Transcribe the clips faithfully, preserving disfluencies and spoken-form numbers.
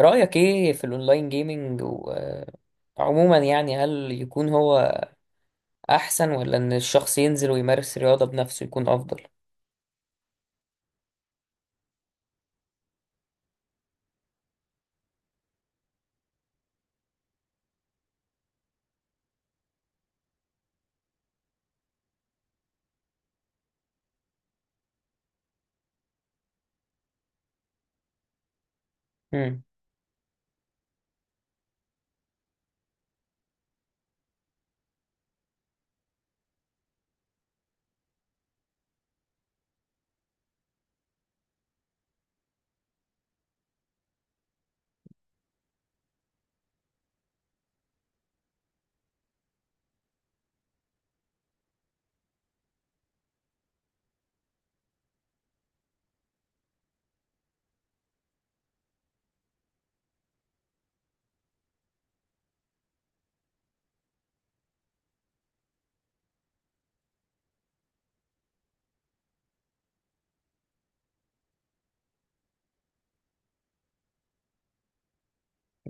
رأيك ايه في الاونلاين جيمينج؟ وعموما يعني هل يكون هو احسن، ولا ان الشخص ينزل ويمارس رياضة بنفسه يكون افضل؟ امم.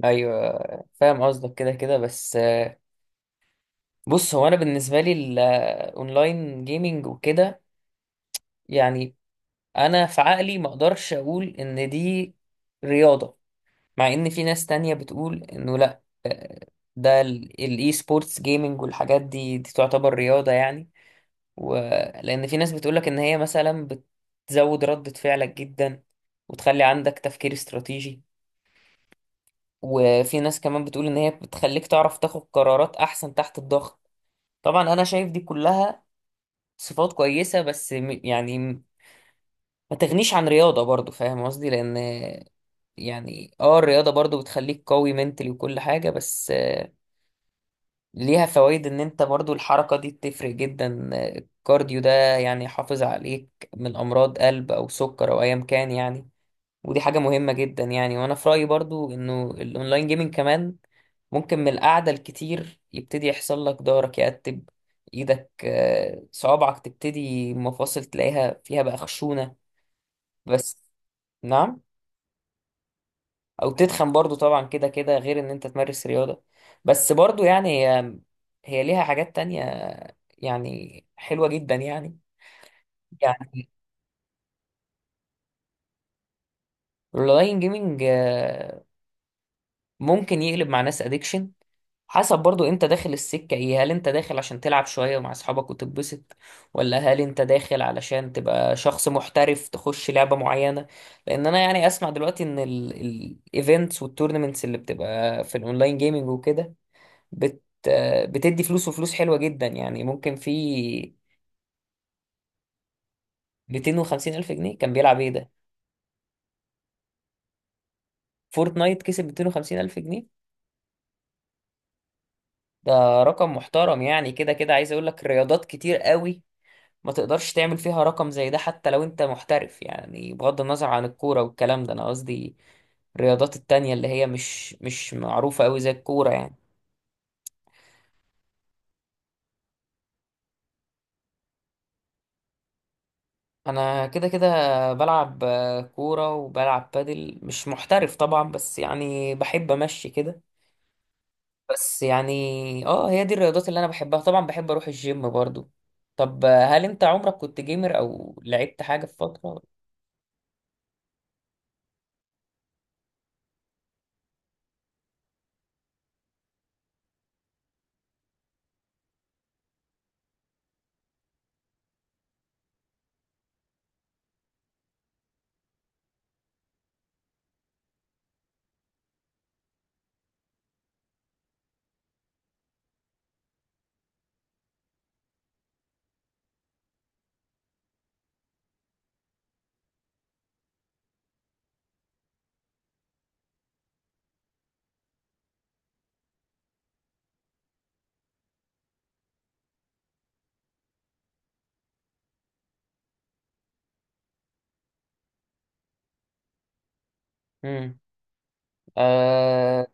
ايوه، فاهم قصدك كده كده. بس آه، بص، هو انا بالنسبة لي الاونلاين جيمينج وكده يعني انا في عقلي ما اقدرش اقول ان دي رياضة. مع ان في ناس تانية بتقول انه لا، آه، ده الاي سبورتس جيمينج والحاجات دي دي تعتبر رياضة يعني. ولأن في ناس بتقولك إن هي مثلا بتزود ردة فعلك جدا، وتخلي عندك تفكير استراتيجي. وفي ناس كمان بتقول إن هي بتخليك تعرف تاخد قرارات أحسن تحت الضغط. طبعا أنا شايف دي كلها صفات كويسة، بس م- يعني م- ما تغنيش عن رياضة برضو، فاهم قصدي، لأن يعني اه الرياضة برضو بتخليك قوي منتلي وكل حاجة. بس ليها فوائد، ان انت برضو الحركة دي بتفرق جدا. الكارديو ده يعني يحافظ عليك من امراض قلب او سكر او ايا كان يعني. ودي حاجة مهمة جدا يعني. وانا في رأيي برضو انه الاونلاين جيمنج كمان ممكن من القعدة الكتير يبتدي يحصل لك ضهرك يرتب، ايدك آه، صوابعك تبتدي مفاصل تلاقيها فيها بقى خشونة. بس. نعم؟ او تتخن برضو طبعا كده كده، غير ان انت تمارس رياضة. بس برضو يعني هي هي ليها حاجات تانية، يعني حلوة جدا يعني. يعني الاونلاين جيمنج آه، ممكن يقلب مع ناس ادكشن. حسب برضو انت داخل السكة ايه. هل انت داخل عشان تلعب شوية مع اصحابك وتتبسط، ولا هل انت داخل علشان تبقى شخص محترف تخش لعبة معينة؟ لان انا يعني اسمع دلوقتي ان الايفنتس والتورنمنتس اللي بتبقى في الاونلاين جيمنج وكده بت آه، بتدي فلوس، وفلوس حلوة جدا يعني، ممكن في ميتين وخمسين ألف جنيه؟ كان بيلعب ايه ده؟ فورتنايت كسب مئتين وخمسين ألف جنيه؟ ده رقم محترم يعني، كده كده عايز اقول لك رياضات كتير قوي ما تقدرش تعمل فيها رقم زي ده. حتى لو انت محترف يعني، بغض النظر عن الكورة والكلام ده. انا قصدي الرياضات التانية اللي هي مش مش معروفة قوي زي الكورة يعني. انا كده كده بلعب آه، كورة وبلعب بادل، مش محترف طبعا، بس يعني بحب امشي كده. بس يعني اه هي دي الرياضات اللي انا بحبها، طبعا بحب اروح الجيم برضو. طب آه، هل انت عمرك كنت جيمر او لعبت حاجة في فترة؟ امم. آه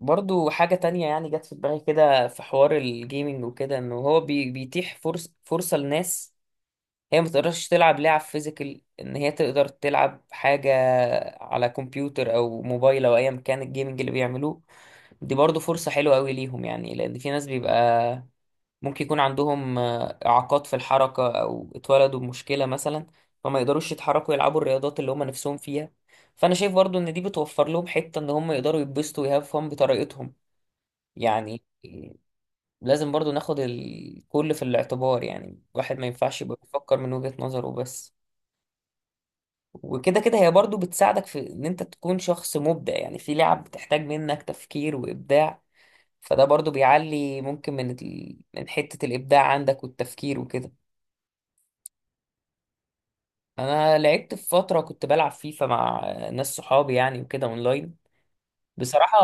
برضو حاجة تانية يعني جت في دماغي كده في حوار الجيمنج وكده، انه هو بي بيتيح فرص فرصة لناس هي ما تقدرش تلعب لعب فيزيكال، ان هي تقدر تلعب حاجة على كمبيوتر او موبايل او ايا كان الجيمنج اللي بيعملوه. دي برضو فرصة حلوة قوي ليهم يعني، لان في ناس بيبقى ممكن يكون عندهم آه، إعاقات في الحركة أو اتولدوا بمشكلة مثلا، فما يقدروش يتحركوا يلعبوا الرياضات اللي هم نفسهم فيها. فأنا شايف برضو إن دي بتوفر لهم حتة إن هم يقدروا يتبسطوا ويهاف فن بطريقتهم، يعني إيه، لازم برضو ناخد الكل في الاعتبار، يعني الواحد ما ينفعش يبقى بيفكر من وجهة نظره بس. وكده كده هي برضو بتساعدك في إن أنت تكون شخص مبدع، يعني في لعب بتحتاج منك تفكير وإبداع، فده برضو بيعلي ممكن من ال... من حتة الإبداع عندك والتفكير وكده. انا لعبت في فتره كنت بلعب فيفا مع ناس صحابي يعني وكده اونلاين. بصراحه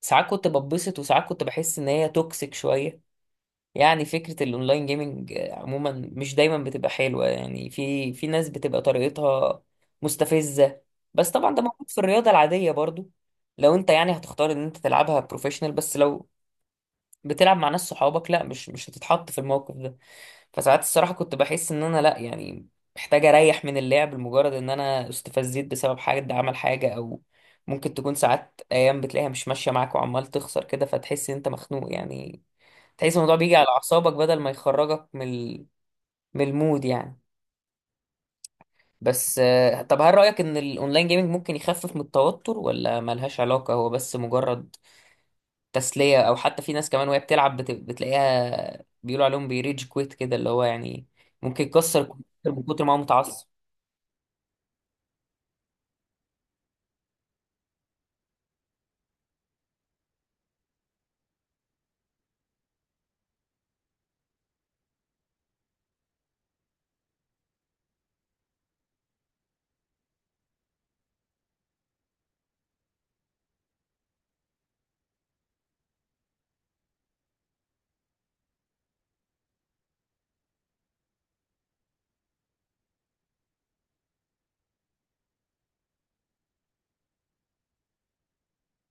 ساعات كنت بتبسط، وساعات كنت بحس ان هي توكسيك شويه يعني. فكره الاونلاين جيمنج عموما مش دايما بتبقى حلوه يعني، في في ناس بتبقى طريقتها مستفزه. بس طبعا ده موجود في الرياضه العاديه برضو، لو انت يعني هتختار ان انت تلعبها بروفيشنال. بس لو بتلعب مع ناس صحابك لا، مش مش هتتحط في الموقف ده. فساعات الصراحة كنت بحس ان انا لا، يعني محتاج اريح من اللعب لمجرد ان انا استفزيت بسبب حد عمل حاجة. او ممكن تكون ساعات ايام بتلاقيها مش ماشية معاك وعمال تخسر كده، فتحس ان انت مخنوق يعني. تحس الموضوع بيجي على اعصابك، بدل ما يخرجك من ال- من المود يعني. بس آه، طب هل رأيك ان الاونلاين جيمنج ممكن يخفف من التوتر، ولا ملهاش علاقة، هو بس مجرد تسلية؟ أو حتى في ناس كمان وهي بتلعب بت... بتلاقيها بيقولوا عليهم بيريج كويت كده، اللي هو يعني ممكن يكسر الكمبيوتر من كتر ما هو متعصب.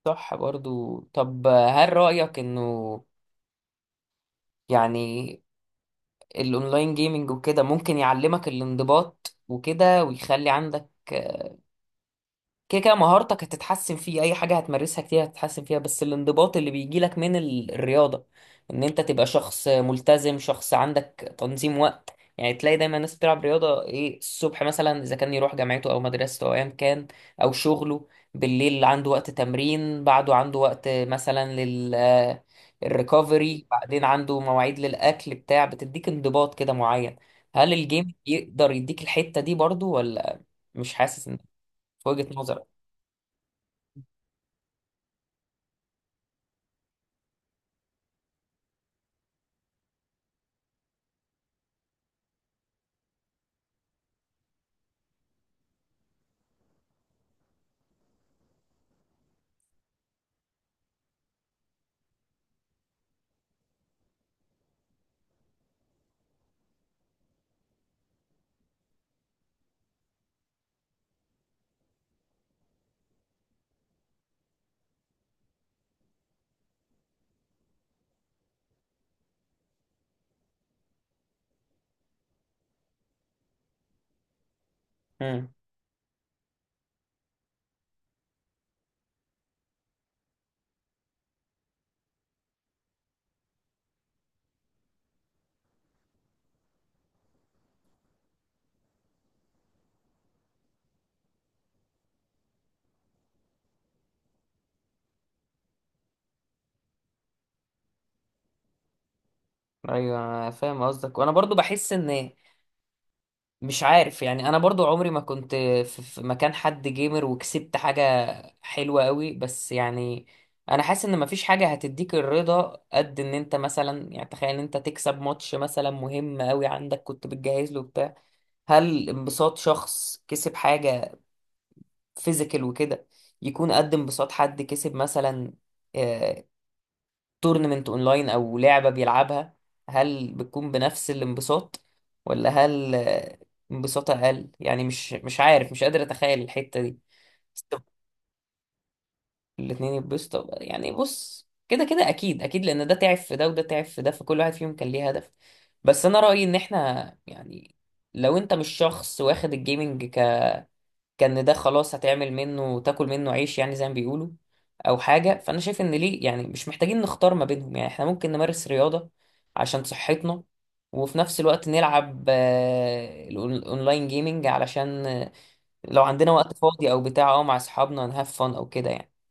صح برضو. طب هل رأيك إنه يعني الأونلاين جيمنج وكده ممكن يعلمك الانضباط وكده ويخلي عندك؟ كده كده مهارتك هتتحسن فيه، اي حاجه هتمارسها كتير هتتحسن فيها. بس الانضباط اللي بيجيلك من ال- الرياضه، ان انت تبقى شخص ملتزم، شخص عندك تنظيم وقت. يعني تلاقي دايما الناس بتلعب رياضه ايه الصبح مثلا، اذا كان يروح جامعته او مدرسته او ايا كان او شغله. بالليل عنده وقت تمرين، بعده عنده وقت مثلا لل الريكفري، بعدين عنده مواعيد للاكل بتاع، بتديك انضباط كده معين. هل الجيم يقدر يديك الحته دي برضو ولا؟ مش حاسس ان، في وجهه نظرك؟ امم. ايوه، أنا فاهم قصدك. وانا برضو بحس ان، مش عارف يعني، انا برضو عمري ما كنت في في مكان حد جيمر وكسبت حاجة حلوة قوي، بس يعني انا حاسس ان مفيش حاجة هتديك الرضا قد ان انت مثلا، يعني تخيل ان انت تكسب ماتش مثلا مهم قوي عندك كنت بتجهز له بتاع. هل انبساط شخص كسب حاجة فيزيكال وكده يكون قد انبساط حد كسب مثلا آه، تورنمنت اونلاين او لعبة بيلعبها؟ هل بتكون بنفس الانبساط، ولا هل آه، انبساط اقل؟ يعني مش مش عارف، مش قادر اتخيل الحتة دي. بس طب، الاتنين يتبسطوا بقى. يعني بص كده كده اكيد اكيد، لان ده تعب في ده وده تعب في ده، فكل واحد فيهم كان ليه هدف. بس انا رأيي ان احنا يعني، لو انت مش شخص واخد الجيمنج ك كان ده خلاص هتعمل منه تاكل منه عيش يعني زي ما بيقولوا، او حاجه. فانا شايف ان ليه يعني مش محتاجين نختار ما بينهم، يعني احنا ممكن نمارس رياضه عشان صحتنا، وفي نفس الوقت نلعب آه، الأون- الاونلاين جيمينج علشان آه، لو عندنا وقت فاضي او بتاع اه مع اصحابنا نهاف فن او كده يعني.